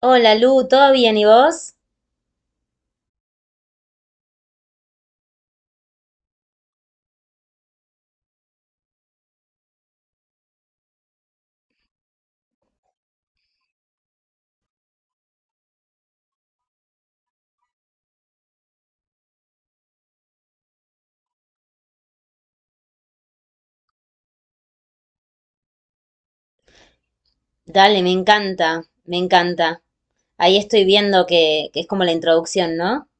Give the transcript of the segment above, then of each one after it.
Hola Lu, ¿todo bien y vos? Dale, me encanta, me encanta. Ahí estoy viendo que es como la introducción, ¿no?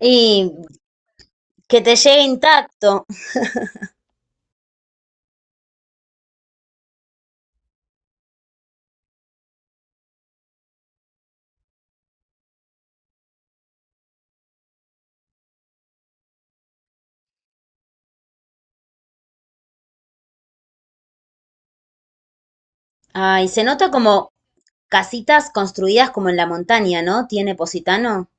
Y que te llegue intacto. Ay, se nota como casitas construidas como en la montaña, ¿no? ¿Tiene Positano?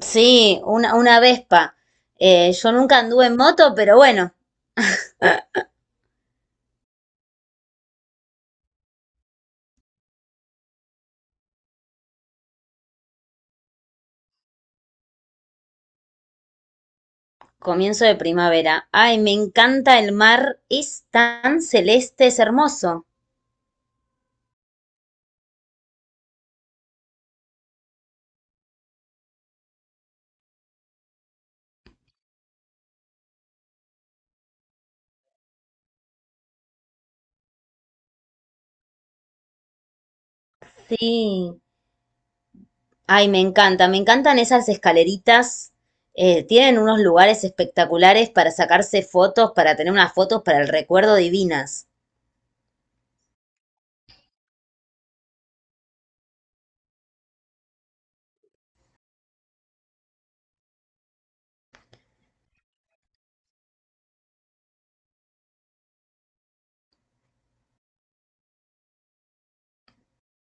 Sí, una Vespa. Yo nunca anduve en moto, pero bueno, comienzo de primavera. Ay, me encanta el mar, es tan celeste, es hermoso. Sí. Ay, me encanta, me encantan esas escaleritas. Tienen unos lugares espectaculares para sacarse fotos, para tener unas fotos para el recuerdo divinas.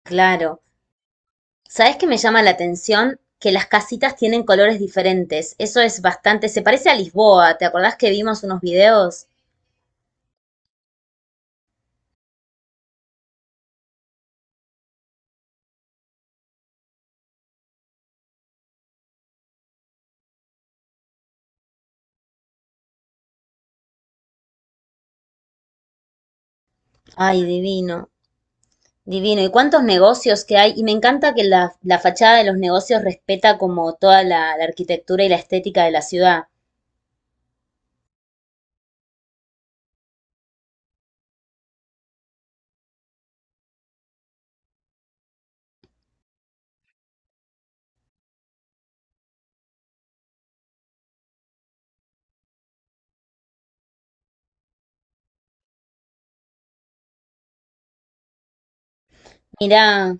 Claro. ¿Sabes qué me llama la atención? Que las casitas tienen colores diferentes. Eso es bastante, se parece a Lisboa. ¿Te acordás que vimos unos videos? Ay, divino, divino. ¿Y cuántos negocios que hay? Y me encanta que la fachada de los negocios respeta como toda la arquitectura y la estética de la ciudad. Mirá,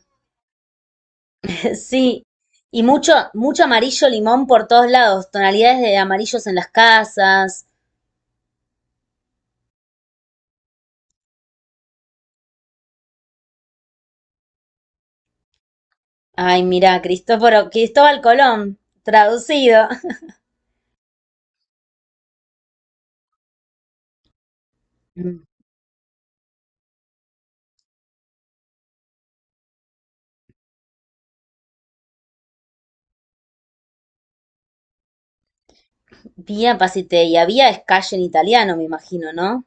sí, y mucho, mucho amarillo limón por todos lados, tonalidades de amarillos en las casas. Ay, mira, Cristóforo, Cristóbal Colón, traducido. Mm. Vía Pasiteia, vía es calle en italiano, me imagino, ¿no?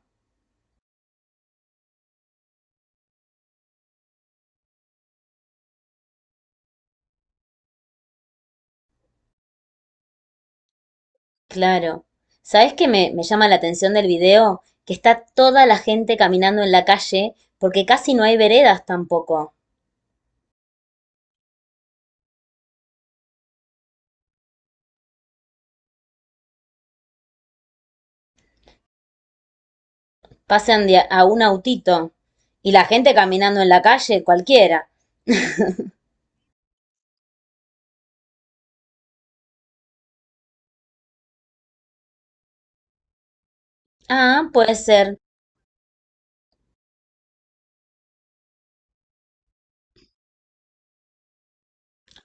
Claro. ¿Sabes qué me llama la atención del video? Que está toda la gente caminando en la calle, porque casi no hay veredas tampoco. Pasan a un autito. Y la gente caminando en la calle, cualquiera. Ah, puede ser.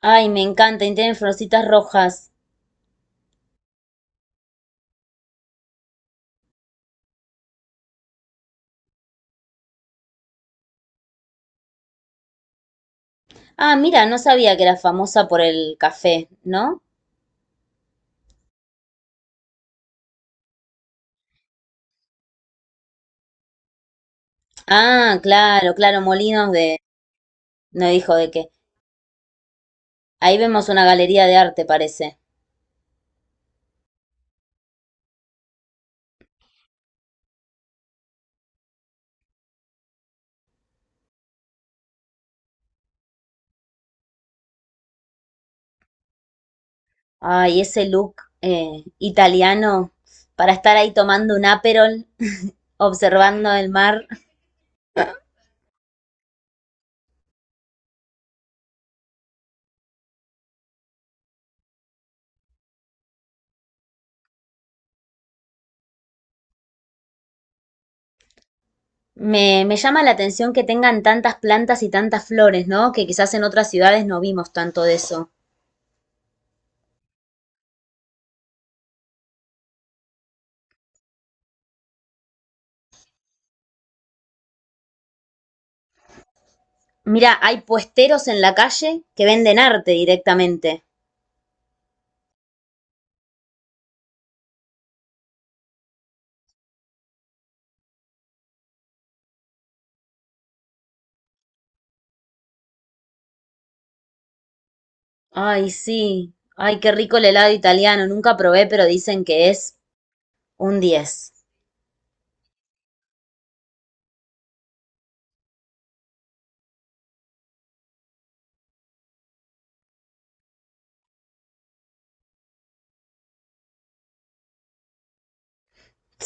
Ay, me encanta, y tienen florcitas rojas. Ah, mira, no sabía que era famosa por el café, ¿no? Ah, claro, claro, molinos de... No dijo de qué. Ahí vemos una galería de arte, parece. Ay, ese look italiano para estar ahí tomando un Aperol, observando el mar. Me llama la atención que tengan tantas plantas y tantas flores, ¿no? Que quizás en otras ciudades no vimos tanto de eso. Mira, hay puesteros en la calle que venden arte directamente. Ay, sí. Ay, qué rico el helado italiano. Nunca probé, pero dicen que es un 10.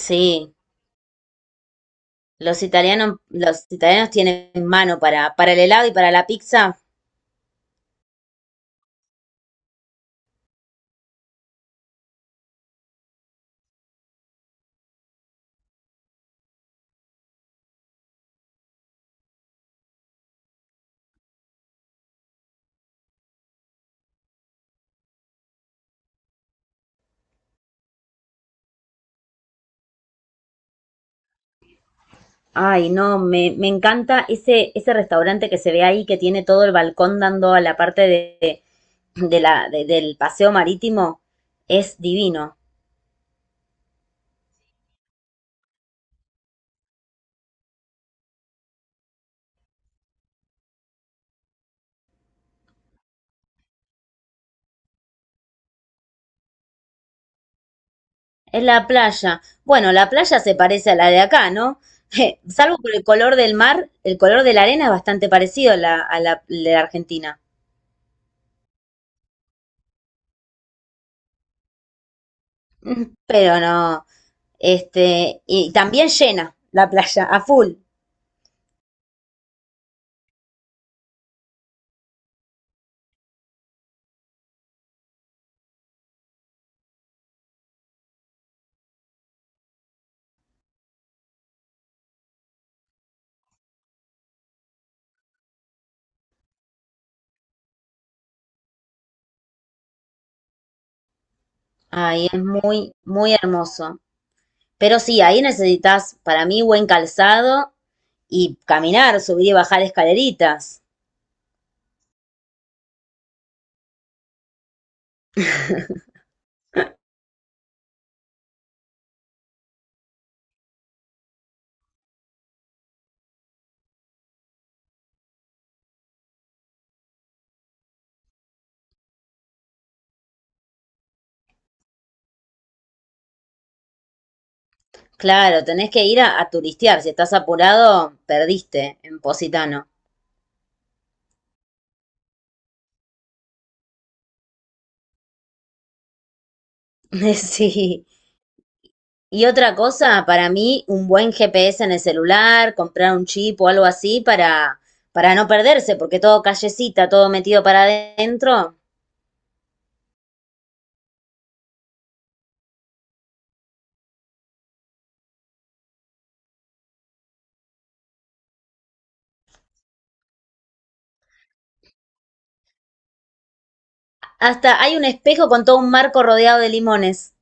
Sí. Los italianos tienen mano para el helado y para la pizza. Ay, no, me encanta ese, ese restaurante que se ve ahí, que tiene todo el balcón dando a la parte de la, del paseo marítimo. Es divino. Es la playa. Bueno, la playa se parece a la de acá, ¿no? Salvo por el color del mar, el color de la arena es bastante parecido a la de Argentina. Pero no, este, y también llena la playa, a full. Ay, es muy, muy hermoso. Pero sí, ahí necesitas, para mí, buen calzado y caminar, subir y bajar escaleritas. Claro, tenés que ir a turistear. Si estás apurado, perdiste en Positano. Sí. Y otra cosa, para mí, un buen GPS en el celular, comprar un chip o algo así para no perderse, porque todo callecita, todo metido para adentro. Hasta hay un espejo con todo un marco rodeado de limones.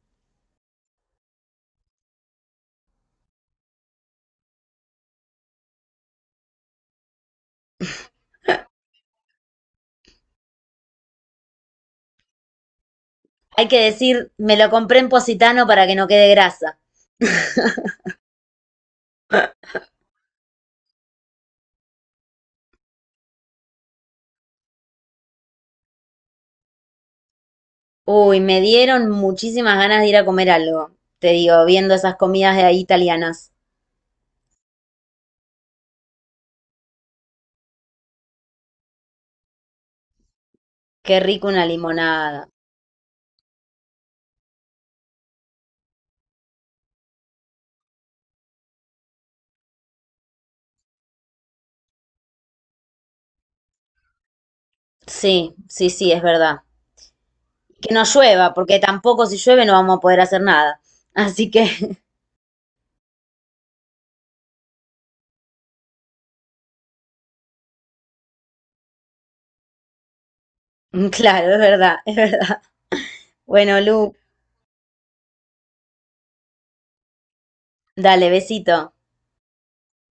Hay que decir, me lo compré en Positano para que no quede grasa. Uy, me dieron muchísimas ganas de ir a comer algo. Te digo, viendo esas comidas de ahí italianas. Qué rico una limonada. Sí, sí, sí, es verdad. Que no llueva, porque tampoco si llueve no vamos a poder hacer nada. Así que Claro, es verdad, es verdad. Bueno, Lu, dale, besito.